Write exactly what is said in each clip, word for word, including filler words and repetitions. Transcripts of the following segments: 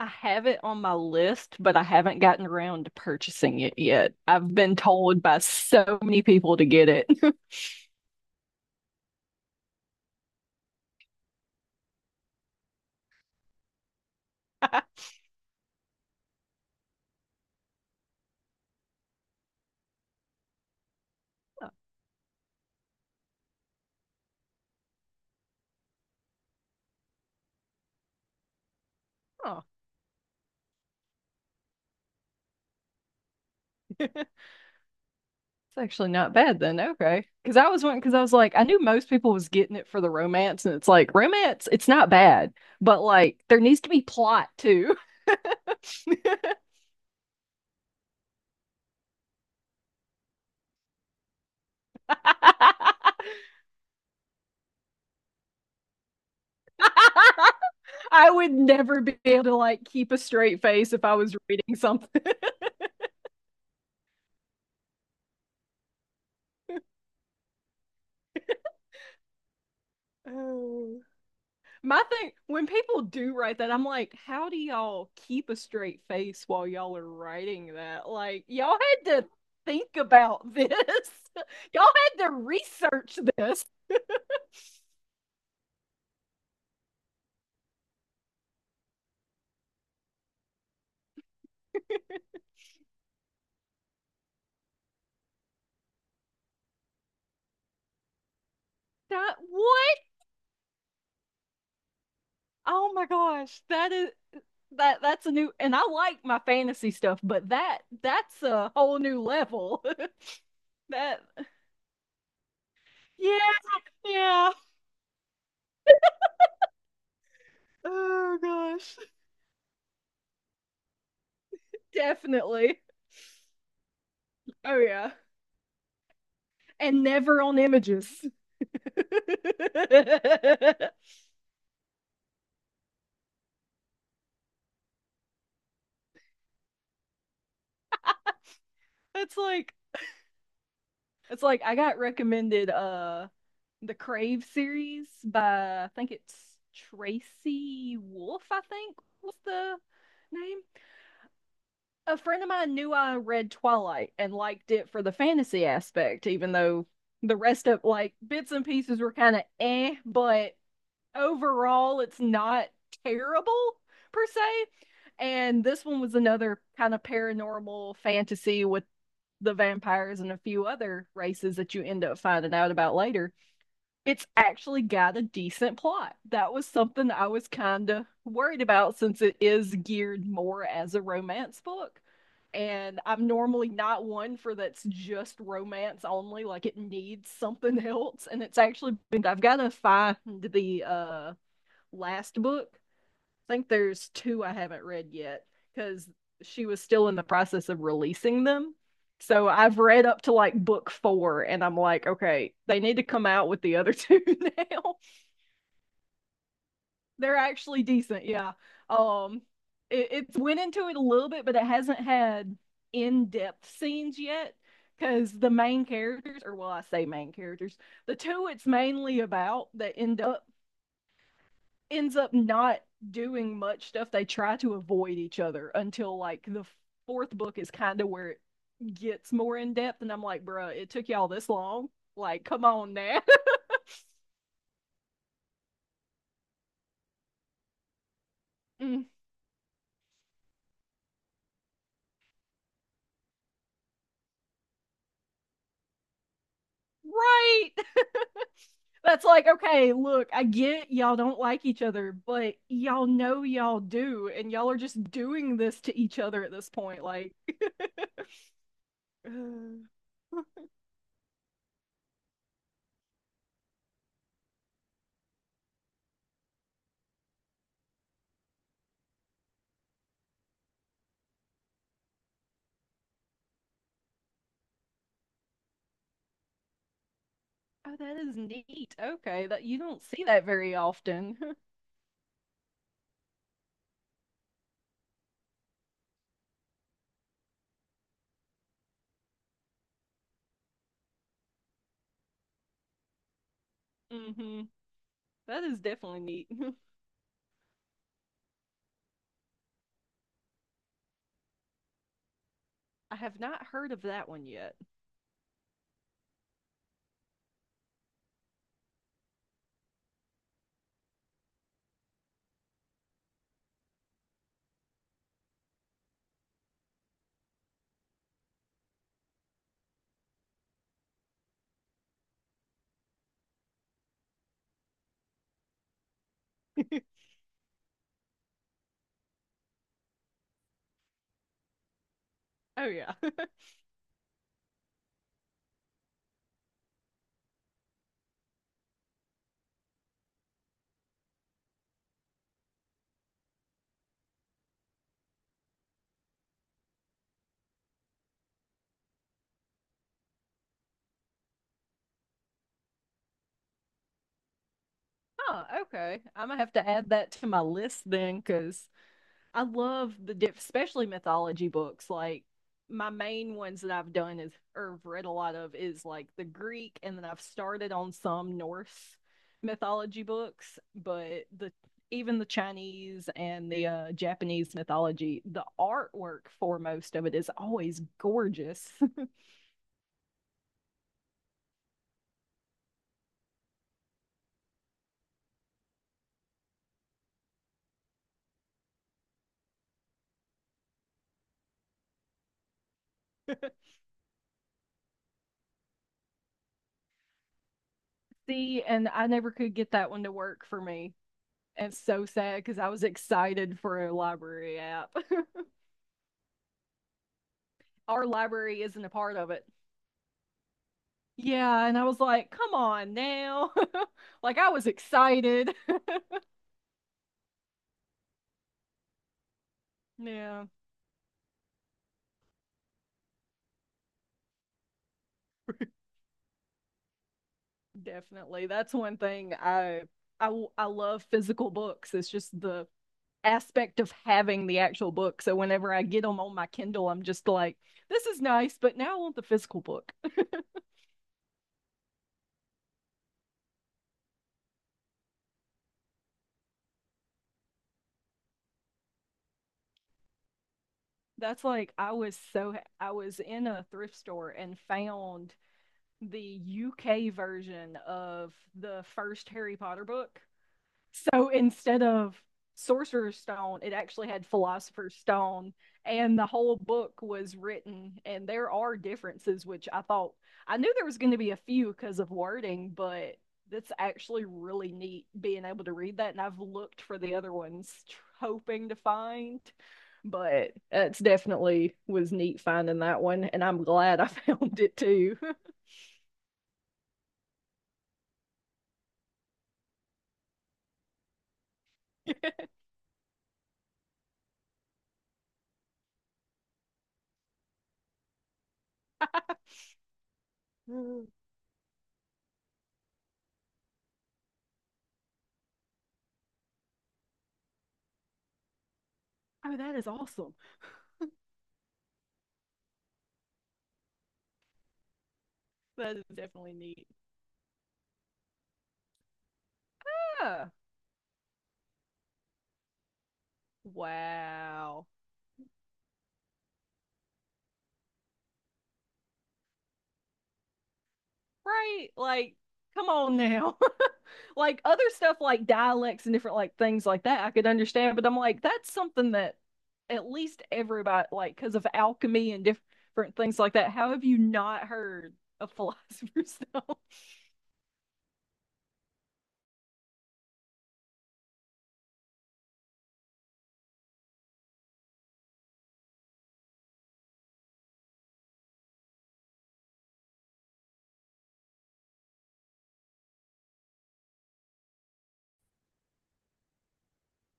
I have it on my list, but I haven't gotten around to purchasing it yet. I've been told by so many people to get it. Oh, it's actually not bad then. Okay. Because I was one, because I was like, I knew most people was getting it for the romance, and it's like, romance, it's not bad, but like, there needs to be plot too. I would never be able to like keep a straight face if I was reading something. My thing, when people do write that, I'm like, how do y'all keep a straight face while y'all are writing that? Like, y'all had to think about this. Y'all had to research this. That what? Oh my gosh, that is that that's a new and I like my fantasy stuff, but that that's a whole new level. That yeah, yeah. Oh gosh. Definitely. Oh yeah. And never on images. it's like it's like I got recommended uh the Crave series by I think it's Tracy Wolf, I think was the name. A friend of mine knew I read Twilight and liked it for the fantasy aspect, even though the rest of like bits and pieces were kinda eh, but overall it's not terrible per se. And this one was another kind of paranormal fantasy with the vampires and a few other races that you end up finding out about later, it's actually got a decent plot. That was something I was kind of worried about since it is geared more as a romance book. And I'm normally not one for that's just romance only, like it needs something else. And it's actually been, I've got to find the uh, last book, I think there's two I haven't read yet because she was still in the process of releasing them. So I've read up to like book four, and I'm like, okay, they need to come out with the other two now. They're actually decent, yeah. Um, it, it's went into it a little bit, but it hasn't had in-depth scenes yet because the main characters, or well, I say main characters, the two it's mainly about that end up ends up not doing much stuff. They try to avoid each other until like the fourth book is kind of where it gets more in depth. And I'm like, bruh, it took y'all this long. Like, come on now. Right. That's like, okay, look, I get y'all don't like each other, but y'all know y'all do. And y'all are just doing this to each other at this point. Like, oh, that is neat. Okay. That you don't see that very often. Hmm. That is definitely neat. I have not heard of that one yet. Oh yeah. Oh, okay. I'm gonna have to add that to my list then, because I love the diff, especially mythology books. Like my main ones that I've done is or have read a lot of is like the Greek, and then I've started on some Norse mythology books, but the even the Chinese and the uh, Japanese mythology, the artwork for most of it is always gorgeous. See, and I never could get that one to work for me. It's so sad because I was excited for a library app. Our library isn't a part of it. Yeah, and I was like, come on now. Like I was excited. Yeah, definitely. That's one thing I I I love physical books. It's just the aspect of having the actual book. So whenever I get them on my Kindle, I'm just like, this is nice, but now I want the physical book. That's like I was so I was in a thrift store and found the U K version of the first Harry Potter book. So instead of Sorcerer's Stone, it actually had Philosopher's Stone, and the whole book was written. And there are differences, which I thought I knew there was going to be a few because of wording, but that's actually really neat being able to read that. And I've looked for the other ones, hoping to find, but it's definitely was neat finding that one. And I'm glad I found it too. Mm. Oh, that is awesome. That is definitely neat. Yeah. Wow. Right? Like, come on now. Like other stuff like dialects and different like things like that I could understand, but I'm like, that's something that at least everybody like because of alchemy and diff- different things like that. How have you not heard of philosopher's stone?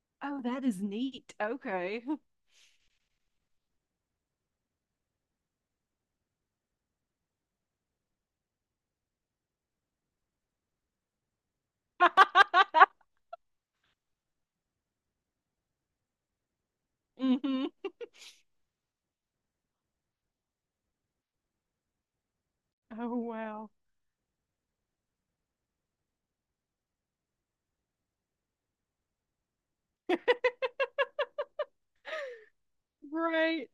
Oh, that is neat. Okay. Hmm. Oh wow. Right.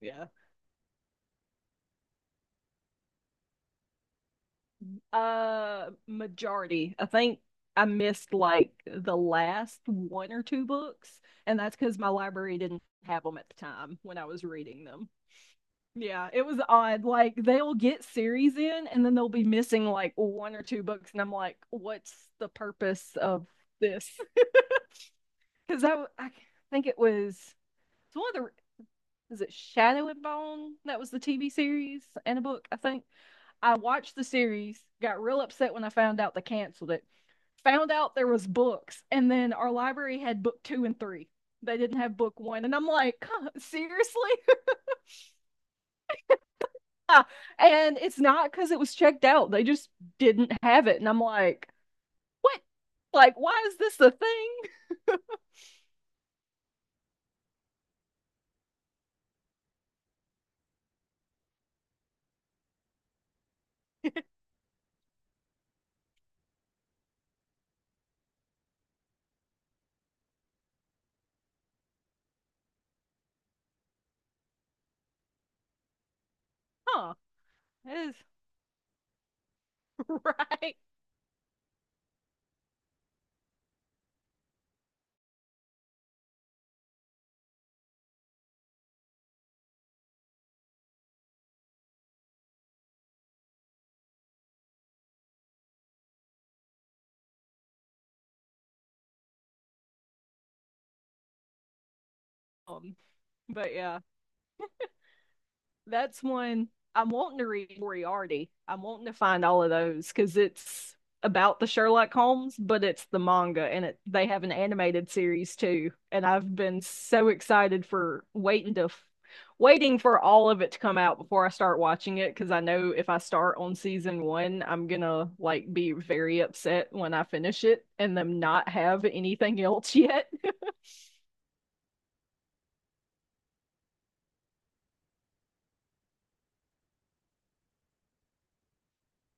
Yeah. Uh, majority. I think I missed like the last one or two books, and that's because my library didn't have them at the time when I was reading them. Yeah, it was odd. Like they'll get series in, and then they'll be missing like one or two books, and I'm like, what's the purpose of this? Because I, I think it was it's one of the is it Shadow and Bone that was the T V series and a book, I think. I watched the series, got real upset when I found out they canceled it, found out there was books, and then our library had book two and three. They didn't have book one, and I'm like, seriously? And it's not because it was checked out; they just didn't have it, and I'm like, what? Like, why is this a thing? Huh? That is right. Um, but yeah. That's one I'm wanting to read Moriarty. I'm wanting to find all of those because it's about the Sherlock Holmes, but it's the manga and it they have an animated series too. And I've been so excited for waiting to waiting for all of it to come out before I start watching it because I know if I start on season one, I'm gonna like be very upset when I finish it and them not have anything else yet.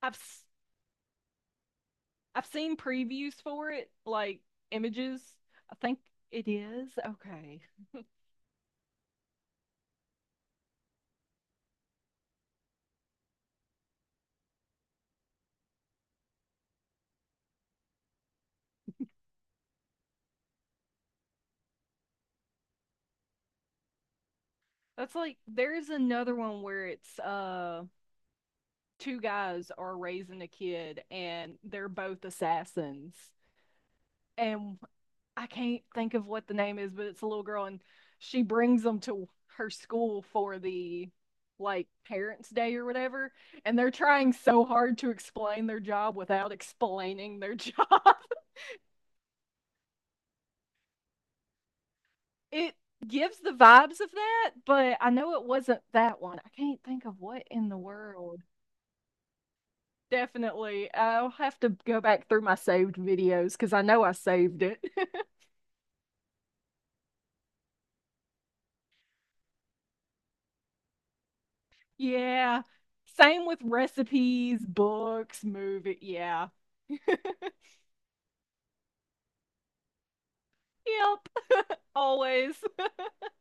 I've I've seen previews for it, like images. I think it is. Okay. That's like there's another one where it's uh two guys are raising a kid and they're both assassins. And I can't think of what the name is, but it's a little girl and she brings them to her school for the like parents day or whatever and they're trying so hard to explain their job without explaining their job. It gives the vibes of that, but I know it wasn't that one. I can't think of what in the world. Definitely. I'll have to go back through my saved videos because I know I saved it. Yeah. Same with recipes, books, movie. Yeah. Yep. Always.